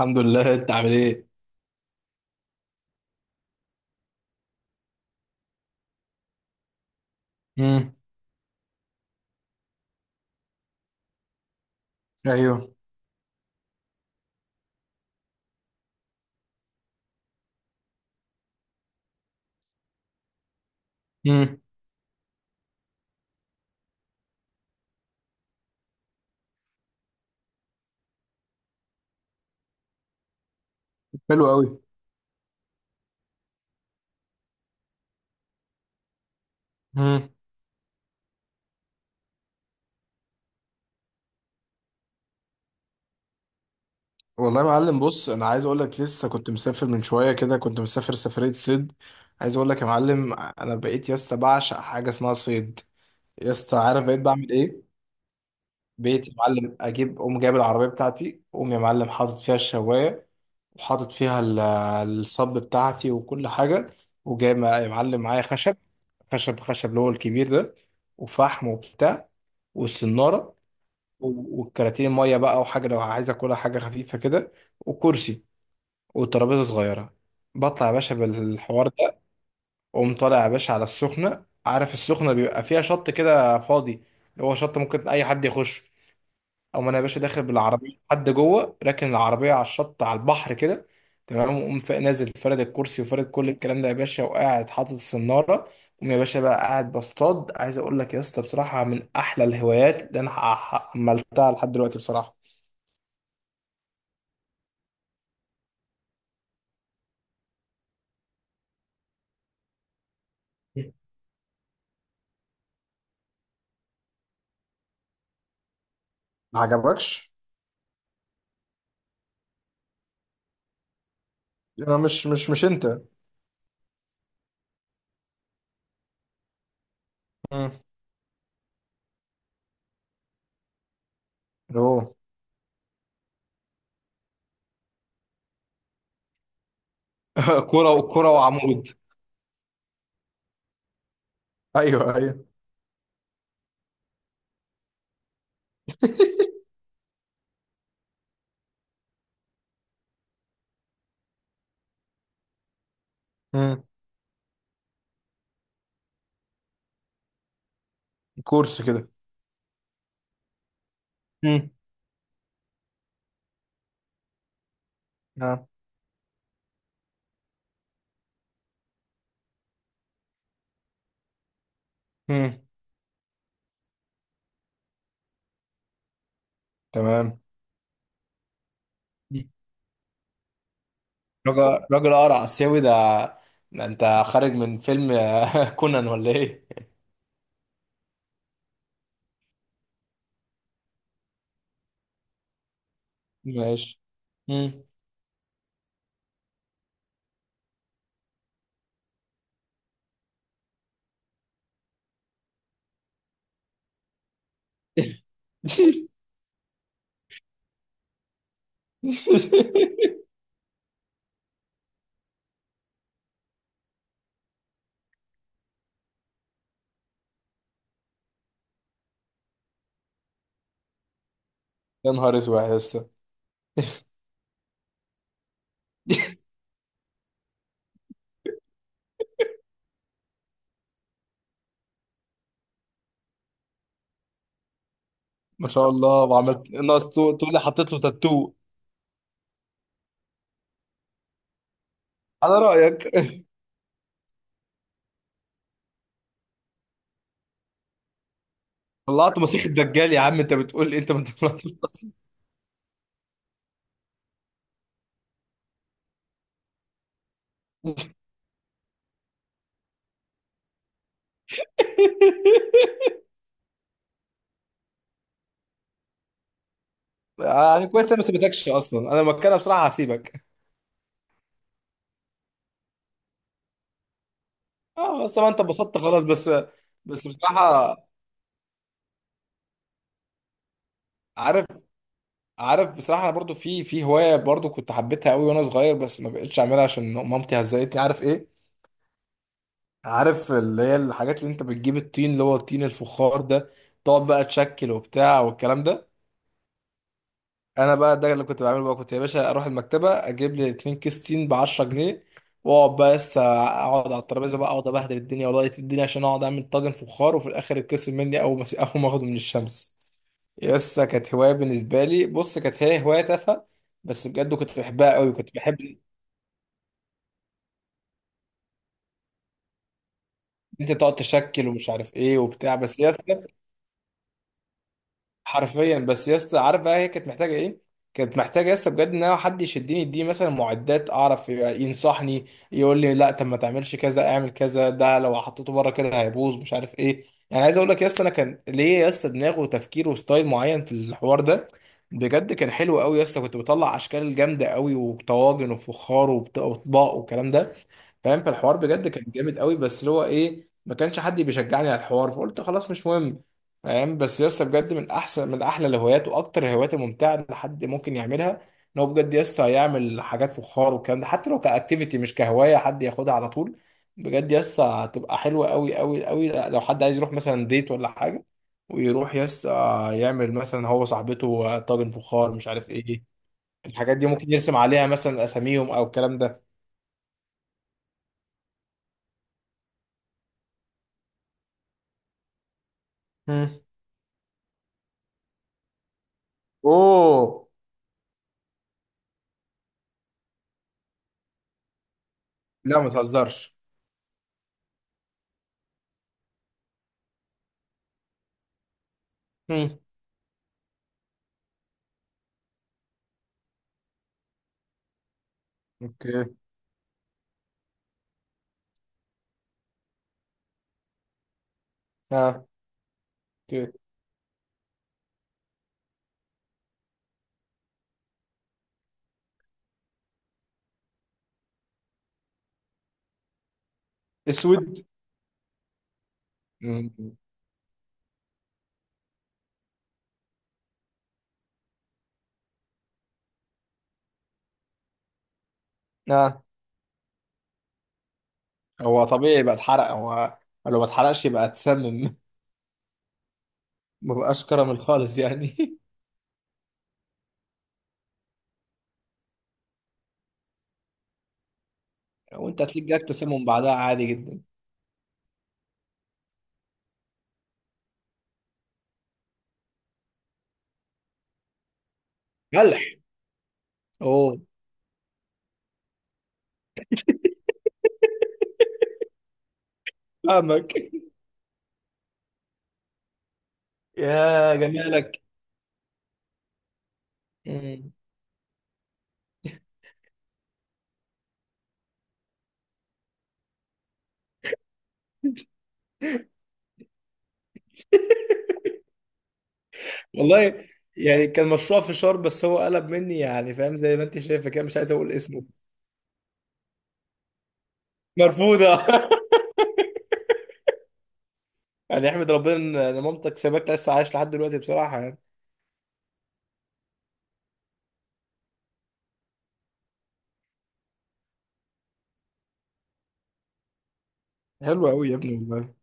الحمد لله. انت عامل ايه؟ امم. ايوه. امم. حلو قوي. امم. والله يا معلم، بص انا عايز اقول لك لسه كنت مسافر من شويه كده، كنت مسافر سفريه صيد. عايز اقول لك يا معلم، انا بقيت يا اسطى بعشق حاجه اسمها صيد. يا اسطى عارف بقيت بعمل ايه؟ بقيت يا معلم اجيب، اقوم جايب العربيه بتاعتي، اقوم يا معلم حاطط فيها الشوايه، وحاطط فيها الصب بتاعتي وكل حاجه، وجايب يا معلم معايا خشب خشب خشب اللي هو الكبير ده، وفحم وبتاع، والسناره، والكراتين ميه بقى، وحاجه لو عايز اكلها حاجه خفيفه كده، وكرسي، وترابيزه صغيره. بطلع يا باشا بالحوار ده، واقوم طالع يا باشا على السخنه. عارف السخنه بيبقى فيها شط كده فاضي، اللي هو شط ممكن اي حد يخش، او انا يا باشا داخل بالعربيه، حد جوه راكن العربيه على الشط على البحر كده. تمام. وقوم نازل فارد الكرسي وفارد كل الكلام ده يا باشا، وقاعد حاطط السناره. قوم يا باشا بقى قاعد بصطاد. عايز اقول لك يا اسطى بصراحه، من احلى الهوايات اللي انا عملتها لحد دلوقتي بصراحه. ما عجبكش. انا مش انت. امم. اوه. كرة وكرة وعمود. ايوه ايوه. امم. كورس كده. مم. نعم. امم. تمام. راجل راجل قرع آسيوي ده. ده انت خارج من فيلم كونان ولا ايه؟ ماشي. مم. يا نهار اسود يا اسطى. ما شاء الله، وعملت ناقص تقول لي حطيت له تاتو. على رأيك. طلعت مسيح الدجال يا عم، انت بتقول لي انت ما طلعتش؟ يعني كويس انا ما سبتكش، اصلا انا مكانها بصراحه هسيبك. اه خلاص، طبعا انت اتبسطت خلاص. بس بس بصراحه، عارف، عارف بصراحه انا برضو في هوايه برضو كنت حبيتها قوي وانا صغير، بس ما بقتش اعملها عشان مامتي هزقتني، عارف ايه. عارف اللي هي الحاجات اللي انت بتجيب، الطين اللي هو الطين الفخار ده، تقعد بقى تشكل وبتاع والكلام ده. انا بقى ده اللي كنت بعمله. بقى كنت يا باشا اروح المكتبه، اجيب لي 2 كيس تين ب 10 جنيه، واقعد بقى لسه اقعد على الترابيزه، بقى اقعد ابهدل الدنيا والله الدنيا عشان اقعد اعمل طاجن فخار، وفي الاخر يتكسر مني اول ما اول ما اخده من الشمس. يس كانت هوايه بالنسبه لي. بص كانت هي هوايه تافهه، بس بجد كنت بحبها قوي. كنت بحب ان انت تقعد تشكل ومش عارف ايه وبتاع، بس يس. حرفيا. بس يا اسطى عارف بقى هي كانت محتاجه ايه؟ كانت محتاجه يا اسطى بجد ان انا حد يشدني، يديني مثلا معدات، اعرف ينصحني، يقول لي لا طب ما تعملش كذا، اعمل كذا، ده لو حطيته بره كده هيبوظ مش عارف ايه. يعني عايز اقول لك يا اسطى، انا كان ليا يا اسطى دماغ وتفكير وستايل معين في الحوار ده. بجد كان حلو قوي يا اسطى، كنت بطلع اشكال جامده قوي، وطواجن، وفخار، واطباق والكلام ده، فاهم. فالحوار بجد كان جامد قوي، بس اللي هو ايه، ما كانش حد بيشجعني على الحوار فقلت خلاص مش مهم. فاهم؟ بس يسطا بجد من احسن من احلى الهوايات واكتر الهوايات الممتعه اللي حد ممكن يعملها، ان هو بجد يسطا يعمل حاجات فخار والكلام ده، حتى لو كاكتيفيتي مش كهوايه حد ياخدها على طول. بجد يسطا هتبقى حلوه قوي قوي قوي لو حد عايز يروح مثلا ديت ولا حاجه، ويروح يسطا يعمل مثلا هو صاحبته طاجن فخار مش عارف ايه. الحاجات دي ممكن يرسم عليها مثلا اساميهم او الكلام ده. مم. اوه. لا ما تهزرش. مم. اوكي. اه. اوكي. اسود. مم. اه هو طبيعي يبقى اتحرق هو. لو ما اتحرقش يبقى اتسمم. ما بقاش كراميل خالص يعني. وانت هتلاقيك جاك تسمم بعدها عادي جدا. ملح. اوه. فاهمك. يا جمالك. مم. والله. يعني كان مشروع فشار بس هو قلب مني، يعني فاهم زي ما انت شايفه كده، مش عايز اقول اسمه. مرفوضه. يعني احمد ربنا إن مامتك سابك لسه عايش لحد دلوقتي بصراحه يعني. حلو قوي يا ابني والله.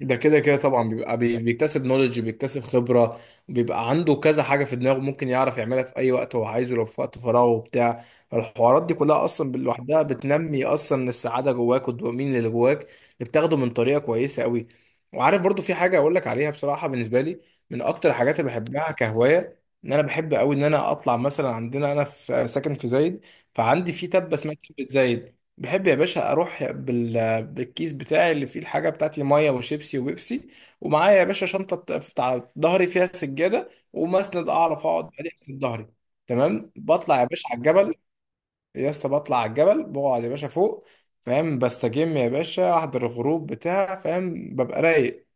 ده كده كده طبعا، بيبقى بيكتسب نولج، بيكتسب خبرة، بيبقى عنده كذا حاجة في دماغه ممكن يعرف يعملها في أي وقت هو عايزه، لو في وقت فراغه وبتاع. فالحوارات دي كلها أصلا لوحدها بتنمي أصلا السعادة جواك، والدوبامين اللي جواك اللي بتاخده من طريقة كويسة أوي. وعارف برضو في حاجة أقول لك عليها بصراحة، بالنسبة لي من أكتر الحاجات اللي بحبها كهواية، إن أنا بحب أوي إن أنا أطلع مثلا. عندنا أنا في ساكن في زايد، فعندي في تبة اسمها تبة زايد. بحب يا باشا أروح بالكيس بتاعي اللي فيه الحاجة بتاعتي، مية وشيبسي وبيبسي، ومعايا يا باشا شنطة بتاع ظهري فيها سجادة ومسند أعرف أقعد عليه أسند ظهري. تمام. بطلع يا باشا على الجبل. يا اسطى بطلع على الجبل، بقعد يا باشا فوق، فاهم، بستجم يا باشا، أحضر الغروب بتاع، فاهم ببقى رايق.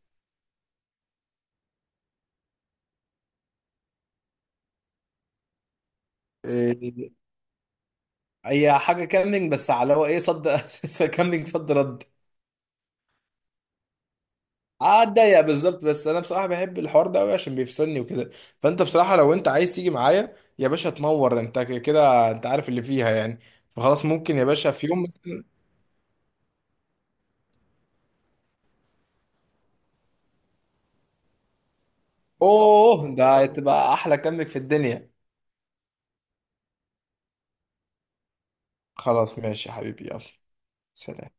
إيه، هي حاجة كاملينج، بس على هو إيه صد. كاملينج صد رد. اتضايق بالظبط. بس انا بصراحه بحب الحوار ده قوي عشان بيفصلني وكده. فانت بصراحه لو انت عايز تيجي معايا يا باشا تنور انت، كده انت عارف اللي فيها يعني. فخلاص ممكن يا باشا في يوم مثلا. اوه، ده هتبقى احلى كامبك في الدنيا. خلاص ماشي يا حبيبي، يلا. سلام.